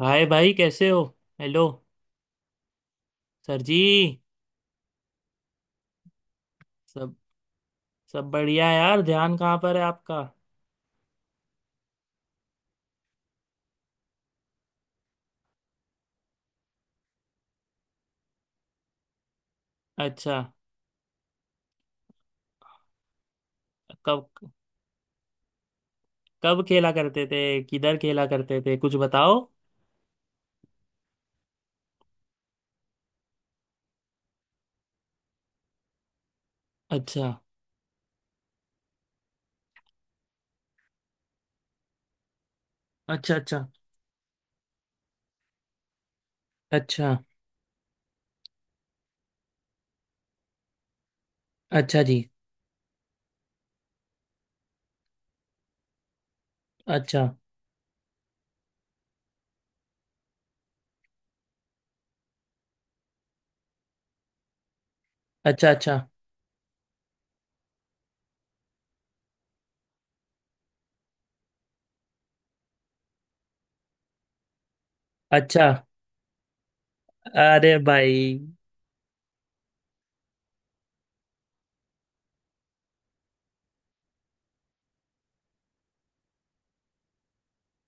हाय भाई, कैसे हो। हेलो। सर जी। सब सब बढ़िया यार। ध्यान कहाँ पर है आपका? अच्छा। कब कब खेला करते थे, किधर खेला करते थे, कुछ बताओ। अच्छा। अच्छा। अच्छा। अच्छा। अच्छा जी। अच्छा। अच्छा। अच्छा। अच्छा। अरे भाई।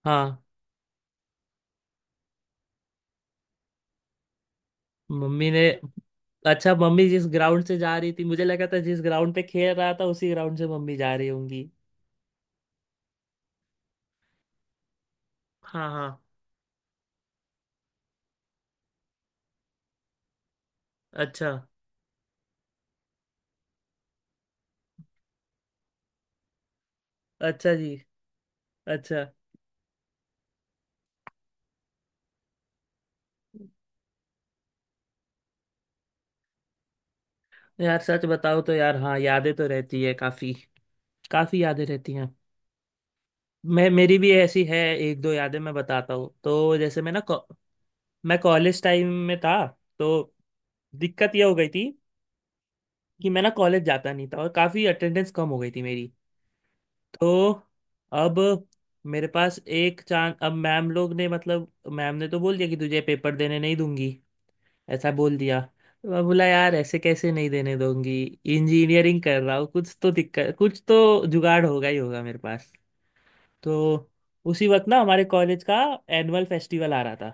हाँ, मम्मी ने। अच्छा, मम्मी जिस ग्राउंड से जा रही थी मुझे लगा था जिस ग्राउंड पे खेल रहा था उसी ग्राउंड से मम्मी जा रही होंगी। हाँ हाँ। अच्छा। अच्छा जी। अच्छा। यार सच बताओ तो यार, हाँ, यादें तो रहती है काफी। काफी यादें रहती हैं। मैं मेरी भी ऐसी है, एक दो यादें मैं बताता हूँ। तो जैसे मैं कॉलेज टाइम में था। तो दिक्कत यह हो गई थी कि मैं ना कॉलेज जाता नहीं था और काफी अटेंडेंस कम हो गई थी मेरी। तो अब मेरे पास एक चांस, अब मैम लोग ने मतलब मैम ने तो बोल दिया कि तुझे पेपर देने नहीं दूंगी, ऐसा बोल दिया। मैं बोला यार ऐसे कैसे नहीं देने दूंगी, इंजीनियरिंग कर रहा हूँ, कुछ तो दिक्कत, कुछ तो जुगाड़ होगा ही होगा मेरे पास। तो उसी वक्त ना हमारे कॉलेज का एनुअल फेस्टिवल आ रहा था।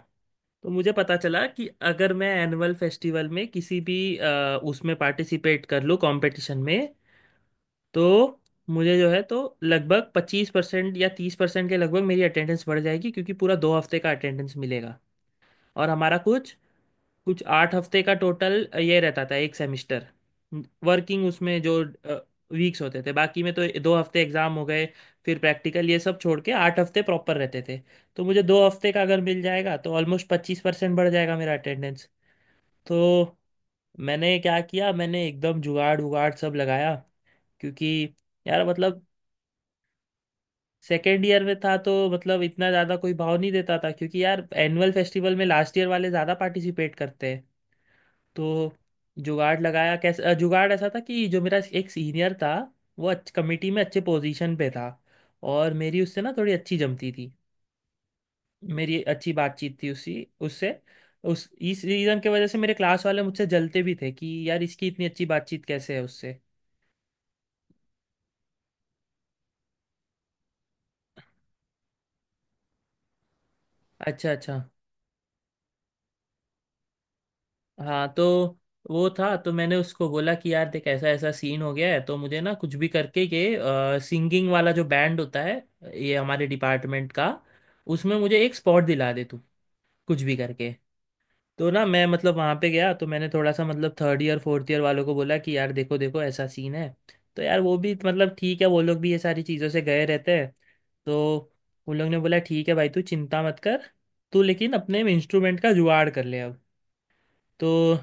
तो मुझे पता चला कि अगर मैं एनुअल फेस्टिवल में उसमें पार्टिसिपेट कर लूँ कंपटीशन में, तो मुझे जो है तो लगभग 25% या 30% के लगभग मेरी अटेंडेंस बढ़ जाएगी क्योंकि पूरा दो हफ्ते का अटेंडेंस मिलेगा। और हमारा कुछ कुछ 8 हफ्ते का टोटल ये रहता था एक सेमेस्टर। वर्किंग उसमें जो वीक्स होते थे बाकी में, तो 2 हफ्ते एग्जाम हो गए, फिर प्रैक्टिकल ये सब छोड़ के 8 हफ्ते प्रॉपर रहते थे। तो मुझे 2 हफ्ते का अगर मिल जाएगा तो ऑलमोस्ट 25% बढ़ जाएगा मेरा अटेंडेंस। तो मैंने क्या किया, मैंने एकदम जुगाड़ उगाड़ सब लगाया। क्योंकि यार मतलब सेकेंड ईयर में था तो मतलब इतना ज़्यादा कोई भाव नहीं देता था क्योंकि यार एनुअल फेस्टिवल में लास्ट ईयर वाले ज़्यादा पार्टिसिपेट करते हैं। तो जुगाड़ लगाया कैसे, जुगाड़ ऐसा था कि जो मेरा एक सीनियर था, कमेटी में अच्छे पोजीशन पे था और मेरी उससे ना थोड़ी अच्छी जमती थी। मेरी अच्छी बातचीत थी उसी उससे। उस इस रीज़न की वजह से मेरे क्लास वाले मुझसे जलते भी थे कि यार इसकी इतनी अच्छी बातचीत कैसे है उससे। अच्छा अच्छा। हाँ तो वो था तो मैंने उसको बोला कि यार देख ऐसा ऐसा सीन हो गया है, तो मुझे ना कुछ भी करके ये सिंगिंग वाला जो बैंड होता है ये हमारे डिपार्टमेंट का, उसमें मुझे एक स्पॉट दिला दे तू, कुछ भी करके। तो ना मैं मतलब वहां पे गया तो मैंने थोड़ा सा मतलब थर्ड ईयर फोर्थ ईयर वालों को बोला कि यार देखो देखो ऐसा सीन है। तो यार वो भी मतलब ठीक है, वो लोग भी ये सारी चीज़ों से गए रहते हैं। तो उन लोग ने बोला ठीक है भाई, तू चिंता मत कर, तू लेकिन अपने इंस्ट्रूमेंट का जुगाड़ कर ले अब। तो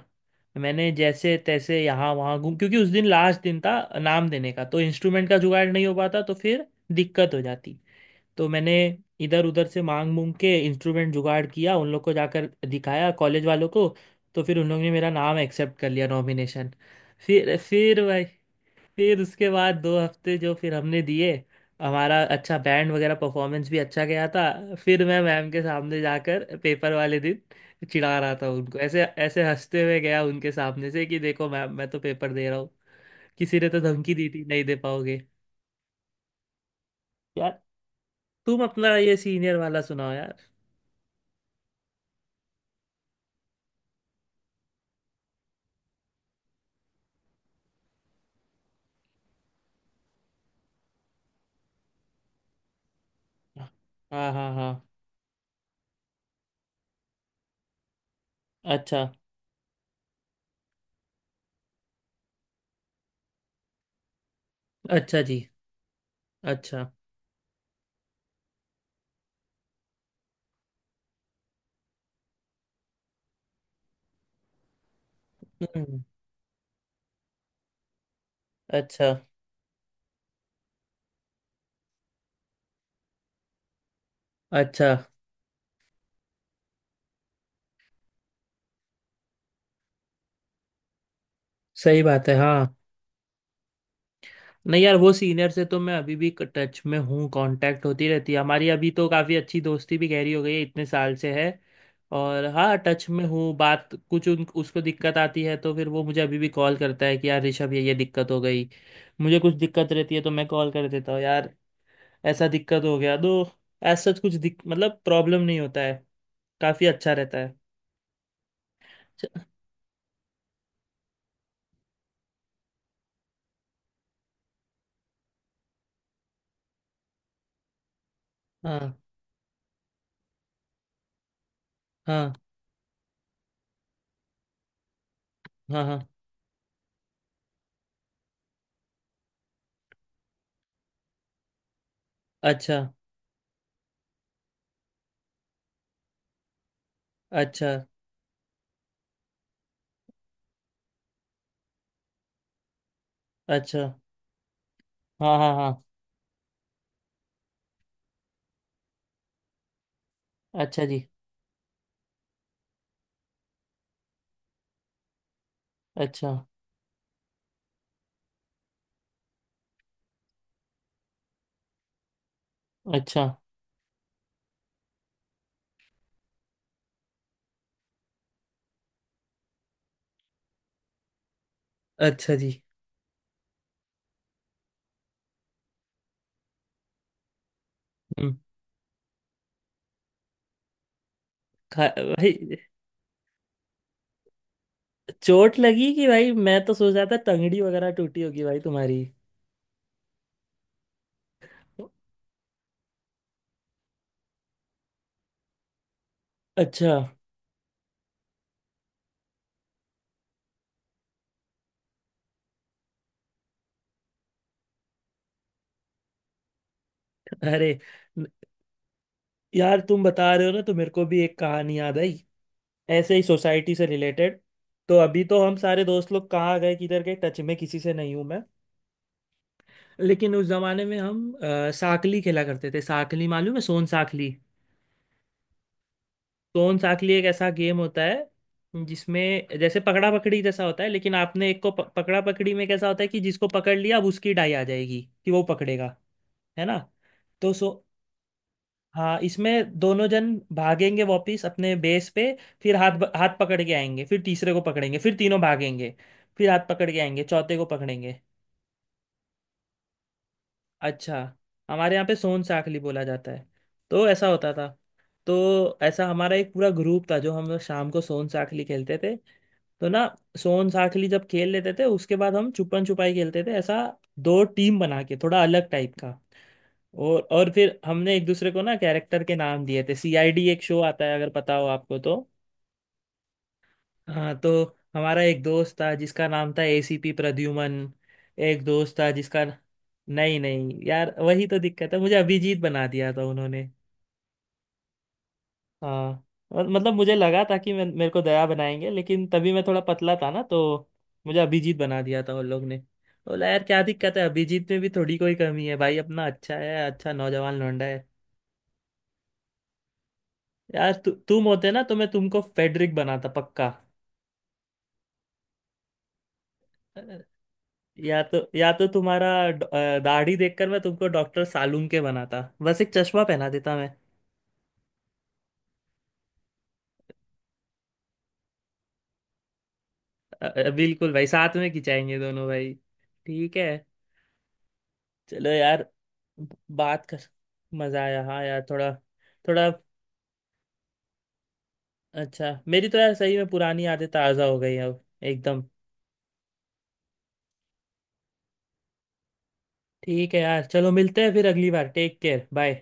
मैंने जैसे तैसे यहाँ वहाँ घूम, क्योंकि उस दिन लास्ट दिन था नाम देने का, तो इंस्ट्रूमेंट का जुगाड़ नहीं हो पाता तो फिर दिक्कत हो जाती। तो मैंने इधर उधर से मांग मूंग के इंस्ट्रूमेंट जुगाड़ किया, उन लोग को जाकर दिखाया कॉलेज वालों को। तो फिर उन लोग ने मेरा नाम एक्सेप्ट कर लिया नॉमिनेशन। फिर भाई, फिर उसके बाद 2 हफ्ते जो फिर हमने दिए, हमारा अच्छा बैंड वगैरह परफॉर्मेंस भी अच्छा गया था। फिर मैं मैम के सामने जाकर पेपर वाले दिन चिढ़ा रहा था उनको, ऐसे ऐसे हंसते हुए गया उनके सामने से कि देखो मैम मैं तो पेपर दे रहा हूँ, किसी ने तो धमकी दी थी नहीं दे पाओगे। यार तुम अपना ये सीनियर वाला सुनाओ यार। हाँ हाँ हाँ। अच्छा। अच्छा जी। अच्छा। हम्म। अच्छा अच्छा। सही बात है, हाँ। नहीं यार, वो सीनियर से तो मैं अभी भी टच में हूँ, कांटेक्ट होती रहती है हमारी, अभी तो काफ़ी अच्छी दोस्ती भी गहरी हो गई है इतने साल से है। और हाँ टच में हूँ, बात कुछ उन उसको दिक्कत आती है तो फिर वो मुझे अभी भी कॉल करता है कि यार ऋषभ ये दिक्कत हो गई। मुझे कुछ दिक्कत रहती है तो मैं कॉल कर देता हूँ यार। ऐसा दिक्कत हो गया तो ऐसा कुछ दिक मतलब प्रॉब्लम नहीं होता है। काफ़ी अच्छा रहता है। अच्छा, हाँ हाँ हाँ हाँ। अच्छा। अच्छा। अच्छा। हाँ हाँ हाँ। अच्छा जी। अच्छा। अच्छा। अच्छा जी। हम्म। खा भाई। चोट लगी कि भाई, मैं तो सोच रहा था टंगड़ी वगैरह टूटी होगी भाई तुम्हारी। अच्छा। अरे। न- यार तुम बता रहे हो ना तो मेरे को भी एक कहानी याद आई, ऐसे ही सोसाइटी से रिलेटेड। तो अभी तो हम सारे दोस्त लोग कहाँ गए किधर गए, टच में किसी से नहीं हूँ मैं। लेकिन उस जमाने में हम साकली खेला करते थे। साकली मालूम है, सोन साखली? सोन साखली एक ऐसा गेम होता है जिसमें जैसे पकड़ा पकड़ी जैसा होता है, लेकिन आपने एक को पकड़ा पकड़ी में कैसा होता है कि जिसको पकड़ लिया अब उसकी डाई आ जाएगी कि वो पकड़ेगा, है ना। तो सो हाँ, इसमें दोनों जन भागेंगे वापिस अपने बेस पे, फिर हाथ हाथ पकड़ के आएंगे फिर तीसरे को पकड़ेंगे, फिर तीनों भागेंगे, फिर हाथ पकड़ के आएंगे चौथे को पकड़ेंगे। अच्छा। हमारे यहाँ पे सोन साखली बोला जाता है। तो ऐसा होता था। तो ऐसा हमारा एक पूरा ग्रुप था जो हम लोग शाम को सोन साखली खेलते थे। तो ना सोन साखली जब खेल लेते थे उसके बाद हम छुपन छुपाई खेलते थे, ऐसा 2 टीम बना के थोड़ा अलग टाइप का। और फिर हमने एक दूसरे को ना कैरेक्टर के नाम दिए थे, सीआईडी एक शो आता है अगर पता हो आपको तो। हाँ तो हमारा एक दोस्त था जिसका नाम था एसीपी प्रद्युमन, एक दोस्त था जिसका। नहीं नहीं यार, वही तो दिक्कत है, मुझे अभिजीत बना दिया था उन्होंने। हाँ। और मतलब मुझे लगा था कि मैं मेरे को दया बनाएंगे, लेकिन तभी मैं थोड़ा पतला था ना तो मुझे अभिजीत बना दिया था उन लोग ने। बोला यार क्या दिक्कत है अभिजीत में भी, थोड़ी कोई कमी है भाई? अपना अच्छा है, अच्छा नौजवान लौंडा है। यार तुम होते ना तो मैं तुमको फेडरिक बनाता पक्का। या तो दाढ़ी देखकर मैं तुमको डॉक्टर सालूम के बनाता, बस एक चश्मा पहना देता मैं। बिल्कुल भाई, साथ में खिंचाएंगे दोनों भाई। ठीक है, चलो यार। बात कर। मजा आया, हाँ यार, थोड़ा थोड़ा अच्छा। मेरी तो यार सही में पुरानी यादें ताज़ा हो गई हैं अब, एकदम। ठीक है यार, चलो मिलते हैं फिर अगली बार। Take care. बाय।